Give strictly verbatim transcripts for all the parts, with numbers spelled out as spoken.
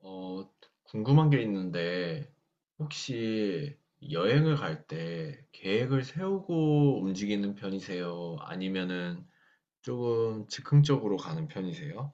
어, 궁금한 게 있는데, 혹시 여행을 갈 때 계획을 세우고 움직이는 편이세요? 아니면은 조금 즉흥적으로 가는 편이세요?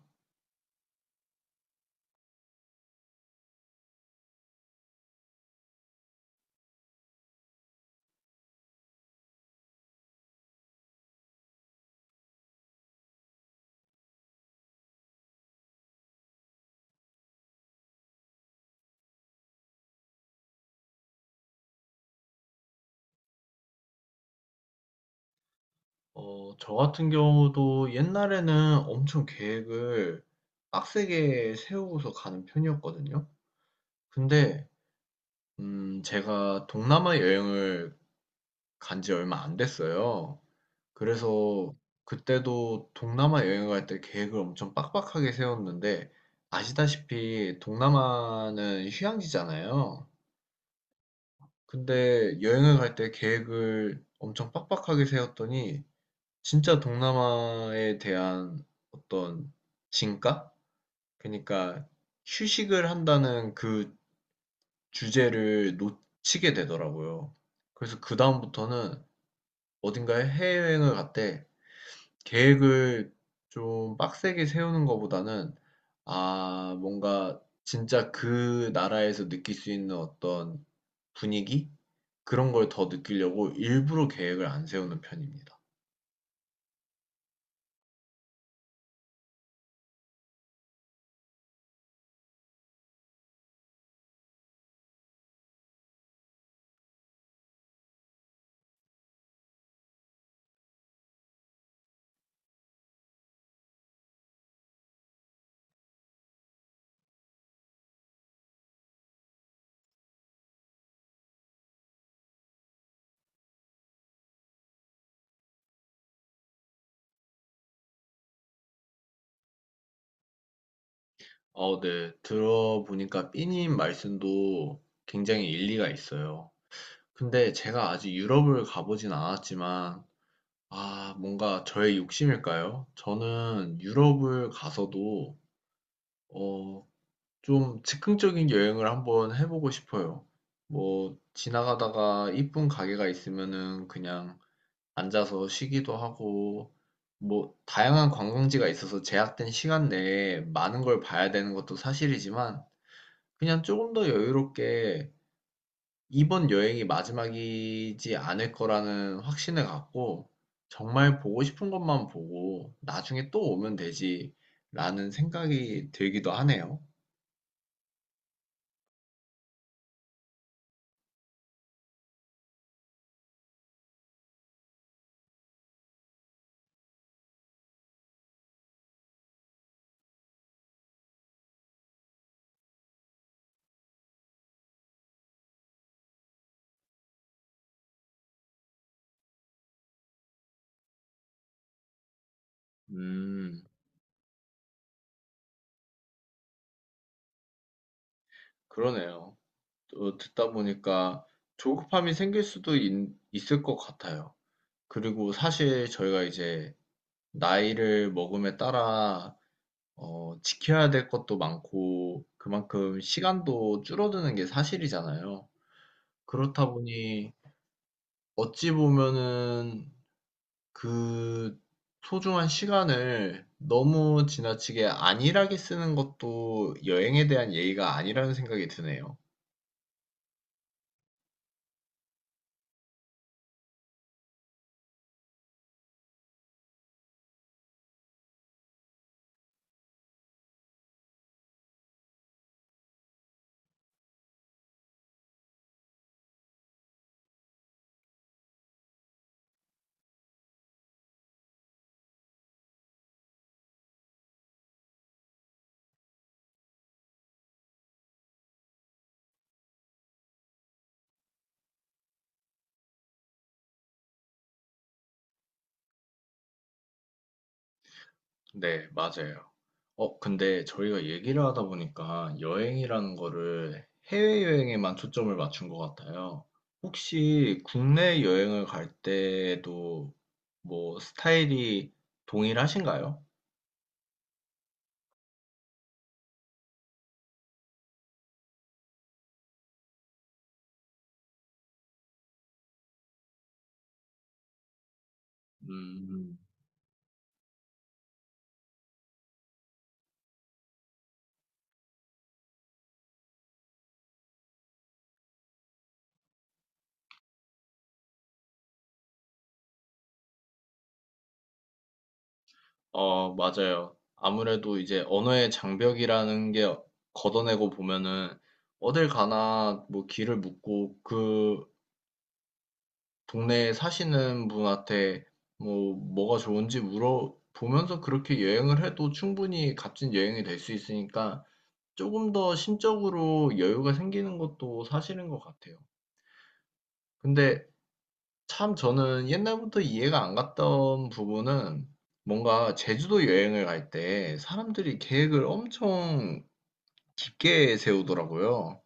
어, 저 같은 경우도 옛날에는 엄청 계획을 빡세게 세우고서 가는 편이었거든요. 근데, 음, 제가 동남아 여행을 간지 얼마 안 됐어요. 그래서 그때도 동남아 여행 갈 때 계획을 엄청 빡빡하게 세웠는데 아시다시피 동남아는 휴양지잖아요. 근데 여행을 갈 때 계획을 엄청 빡빡하게 세웠더니 진짜 동남아에 대한 어떤 진가? 그러니까 휴식을 한다는 그 주제를 놓치게 되더라고요. 그래서 그다음부터는 어딘가에 해외여행을 갔대. 계획을 좀 빡세게 세우는 것보다는 아, 뭔가 진짜 그 나라에서 느낄 수 있는 어떤 분위기? 그런 걸 더 느끼려고 일부러 계획을 안 세우는 편입니다. 어, 네. 들어보니까 삐님 말씀도 굉장히 일리가 있어요. 근데 제가 아직 유럽을 가보진 않았지만, 아, 뭔가 저의 욕심일까요? 저는 유럽을 가서도, 어, 좀 즉흥적인 여행을 한번 해보고 싶어요. 뭐, 지나가다가 이쁜 가게가 있으면은 그냥 앉아서 쉬기도 하고, 뭐, 다양한 관광지가 있어서 제약된 시간 내에 많은 걸 봐야 되는 것도 사실이지만, 그냥 조금 더 여유롭게 이번 여행이 마지막이지 않을 거라는 확신을 갖고, 정말 보고 싶은 것만 보고, 나중에 또 오면 되지라는 생각이 들기도 하네요. 음, 그러네요. 어, 듣다 보니까 조급함이 생길 수도 있, 있을 것 같아요. 그리고 사실 저희가 이제 나이를 먹음에 따라 어, 지켜야 될 것도 많고 그만큼 시간도 줄어드는 게 사실이잖아요. 그렇다 보니 어찌 보면은 그 소중한 시간을 너무 지나치게 안일하게 쓰는 것도 여행에 대한 예의가 아니라는 생각이 드네요. 네, 맞아요. 어, 근데 저희가 얘기를 하다 보니까 여행이라는 거를 해외여행에만 초점을 맞춘 것 같아요. 혹시 국내 여행을 갈 때도 뭐 스타일이 동일하신가요? 음, 어, 맞아요. 아무래도 이제 언어의 장벽이라는 게 걷어내고 보면은 어딜 가나 뭐 길을 묻고 그 동네에 사시는 분한테 뭐 뭐가 좋은지 물어보면서 그렇게 여행을 해도 충분히 값진 여행이 될 수 있으니까 조금 더 심적으로 여유가 생기는 것도 사실인 것 같아요. 근데 참 저는 옛날부터 이해가 안 갔던 부분은 뭔가 제주도 여행을 갈 때 사람들이 계획을 엄청 깊게 세우더라고요.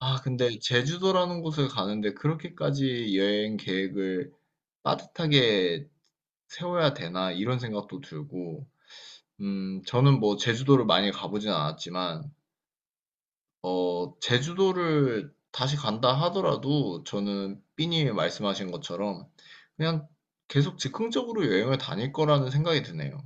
아, 근데 제주도라는 곳을 가는데 그렇게까지 여행 계획을 빠듯하게 세워야 되나 이런 생각도 들고 음 저는 뭐 제주도를 많이 가보진 않았지만 어 제주도를 다시 간다 하더라도 저는 삐님이 말씀하신 것처럼 그냥 계속 즉흥적으로 여행을 다닐 거라는 생각이 드네요.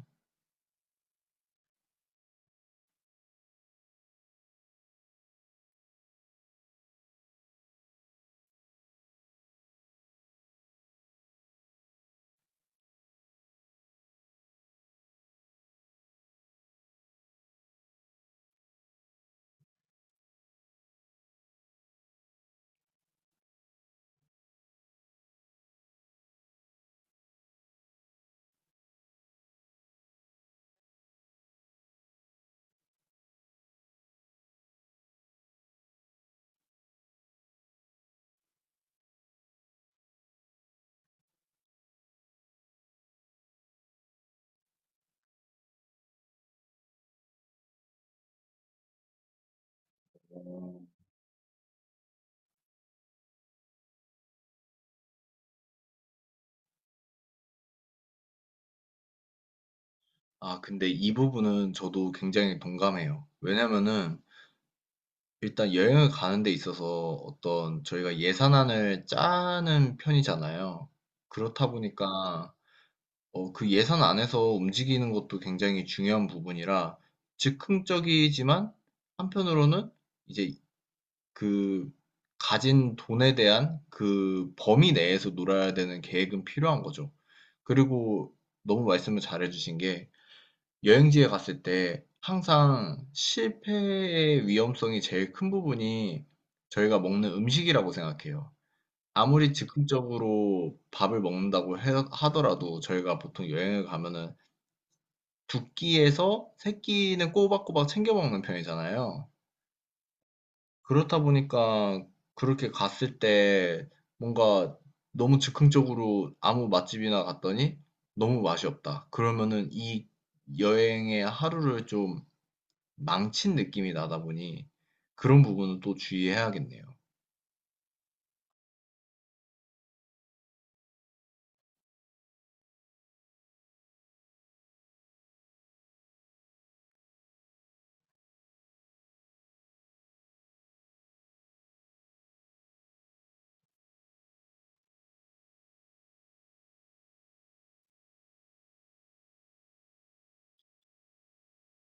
아 근데 이 부분은 저도 굉장히 동감해요. 왜냐면은 일단 여행을 가는 데 있어서 어떤 저희가 예산안을 짜는 편이잖아요. 그렇다 보니까 어, 그 예산 안에서 움직이는 것도 굉장히 중요한 부분이라 즉흥적이지만 한편으로는 이제 그 가진 돈에 대한 그 범위 내에서 놀아야 되는 계획은 필요한 거죠. 그리고 너무 말씀을 잘해주신 게 여행지에 갔을 때 항상 실패의 위험성이 제일 큰 부분이 저희가 먹는 음식이라고 생각해요. 아무리 즉흥적으로 밥을 먹는다고 해- 하더라도 저희가 보통 여행을 가면은 두 끼에서 세 끼는 꼬박꼬박 챙겨 먹는 편이잖아요. 그렇다 보니까 그렇게 갔을 때 뭔가 너무 즉흥적으로 아무 맛집이나 갔더니 너무 맛이 없다. 그러면은 이 여행의 하루를 좀 망친 느낌이 나다 보니 그런 부분은 또 주의해야겠네요.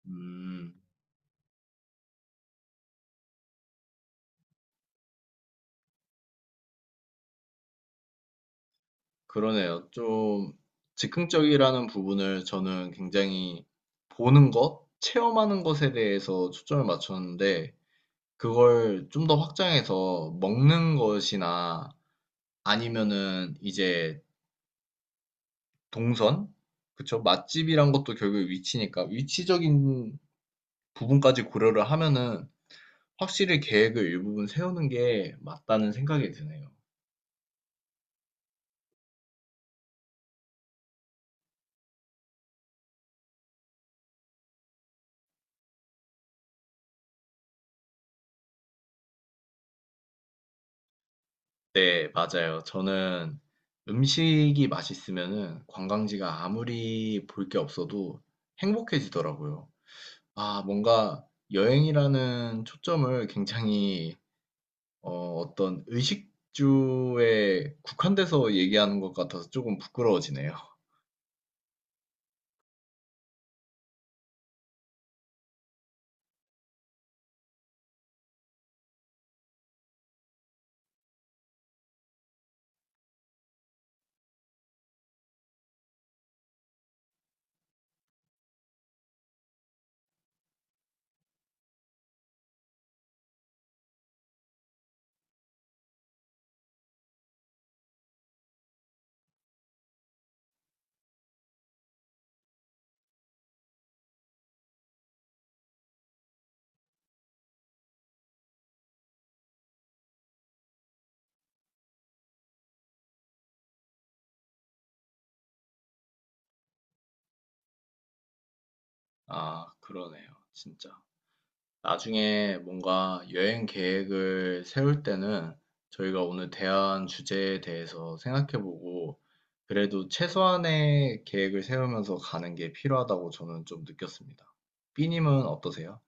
음, 그러네요. 좀 즉흥적이라는 부분을 저는 굉장히 보는 것, 체험하는 것에 대해서 초점을 맞췄는데 그걸 좀 더 확장해서 먹는 것이나 아니면은 이제 동선? 그쵸? 맛집이란 것도 결국 위치니까 위치적인 부분까지 고려를 하면은 확실히 계획을 일부분 세우는 게 맞다는 생각이 드네요. 네, 맞아요. 저는 음식이 맛있으면은 관광지가 아무리 볼 게 없어도 행복해지더라고요. 아, 뭔가 여행이라는 초점을 굉장히 어, 어떤 의식주에 국한돼서 얘기하는 것 같아서 조금 부끄러워지네요. 아, 그러네요. 진짜. 나중에 뭔가 여행 계획을 세울 때는 저희가 오늘 대한 주제에 대해서 생각해보고 그래도 최소한의 계획을 세우면서 가는 게 필요하다고 저는 좀 느꼈습니다. 삐님은 어떠세요?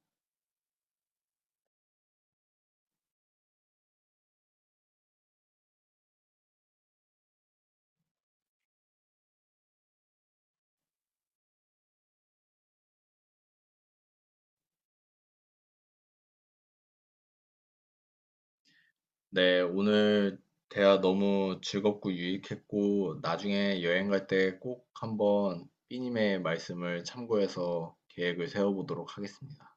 네, 오늘 대화 너무 즐겁고 유익했고, 나중에 여행 갈 때 꼭 한번 삐님의 말씀을 참고해서 계획을 세워보도록 하겠습니다.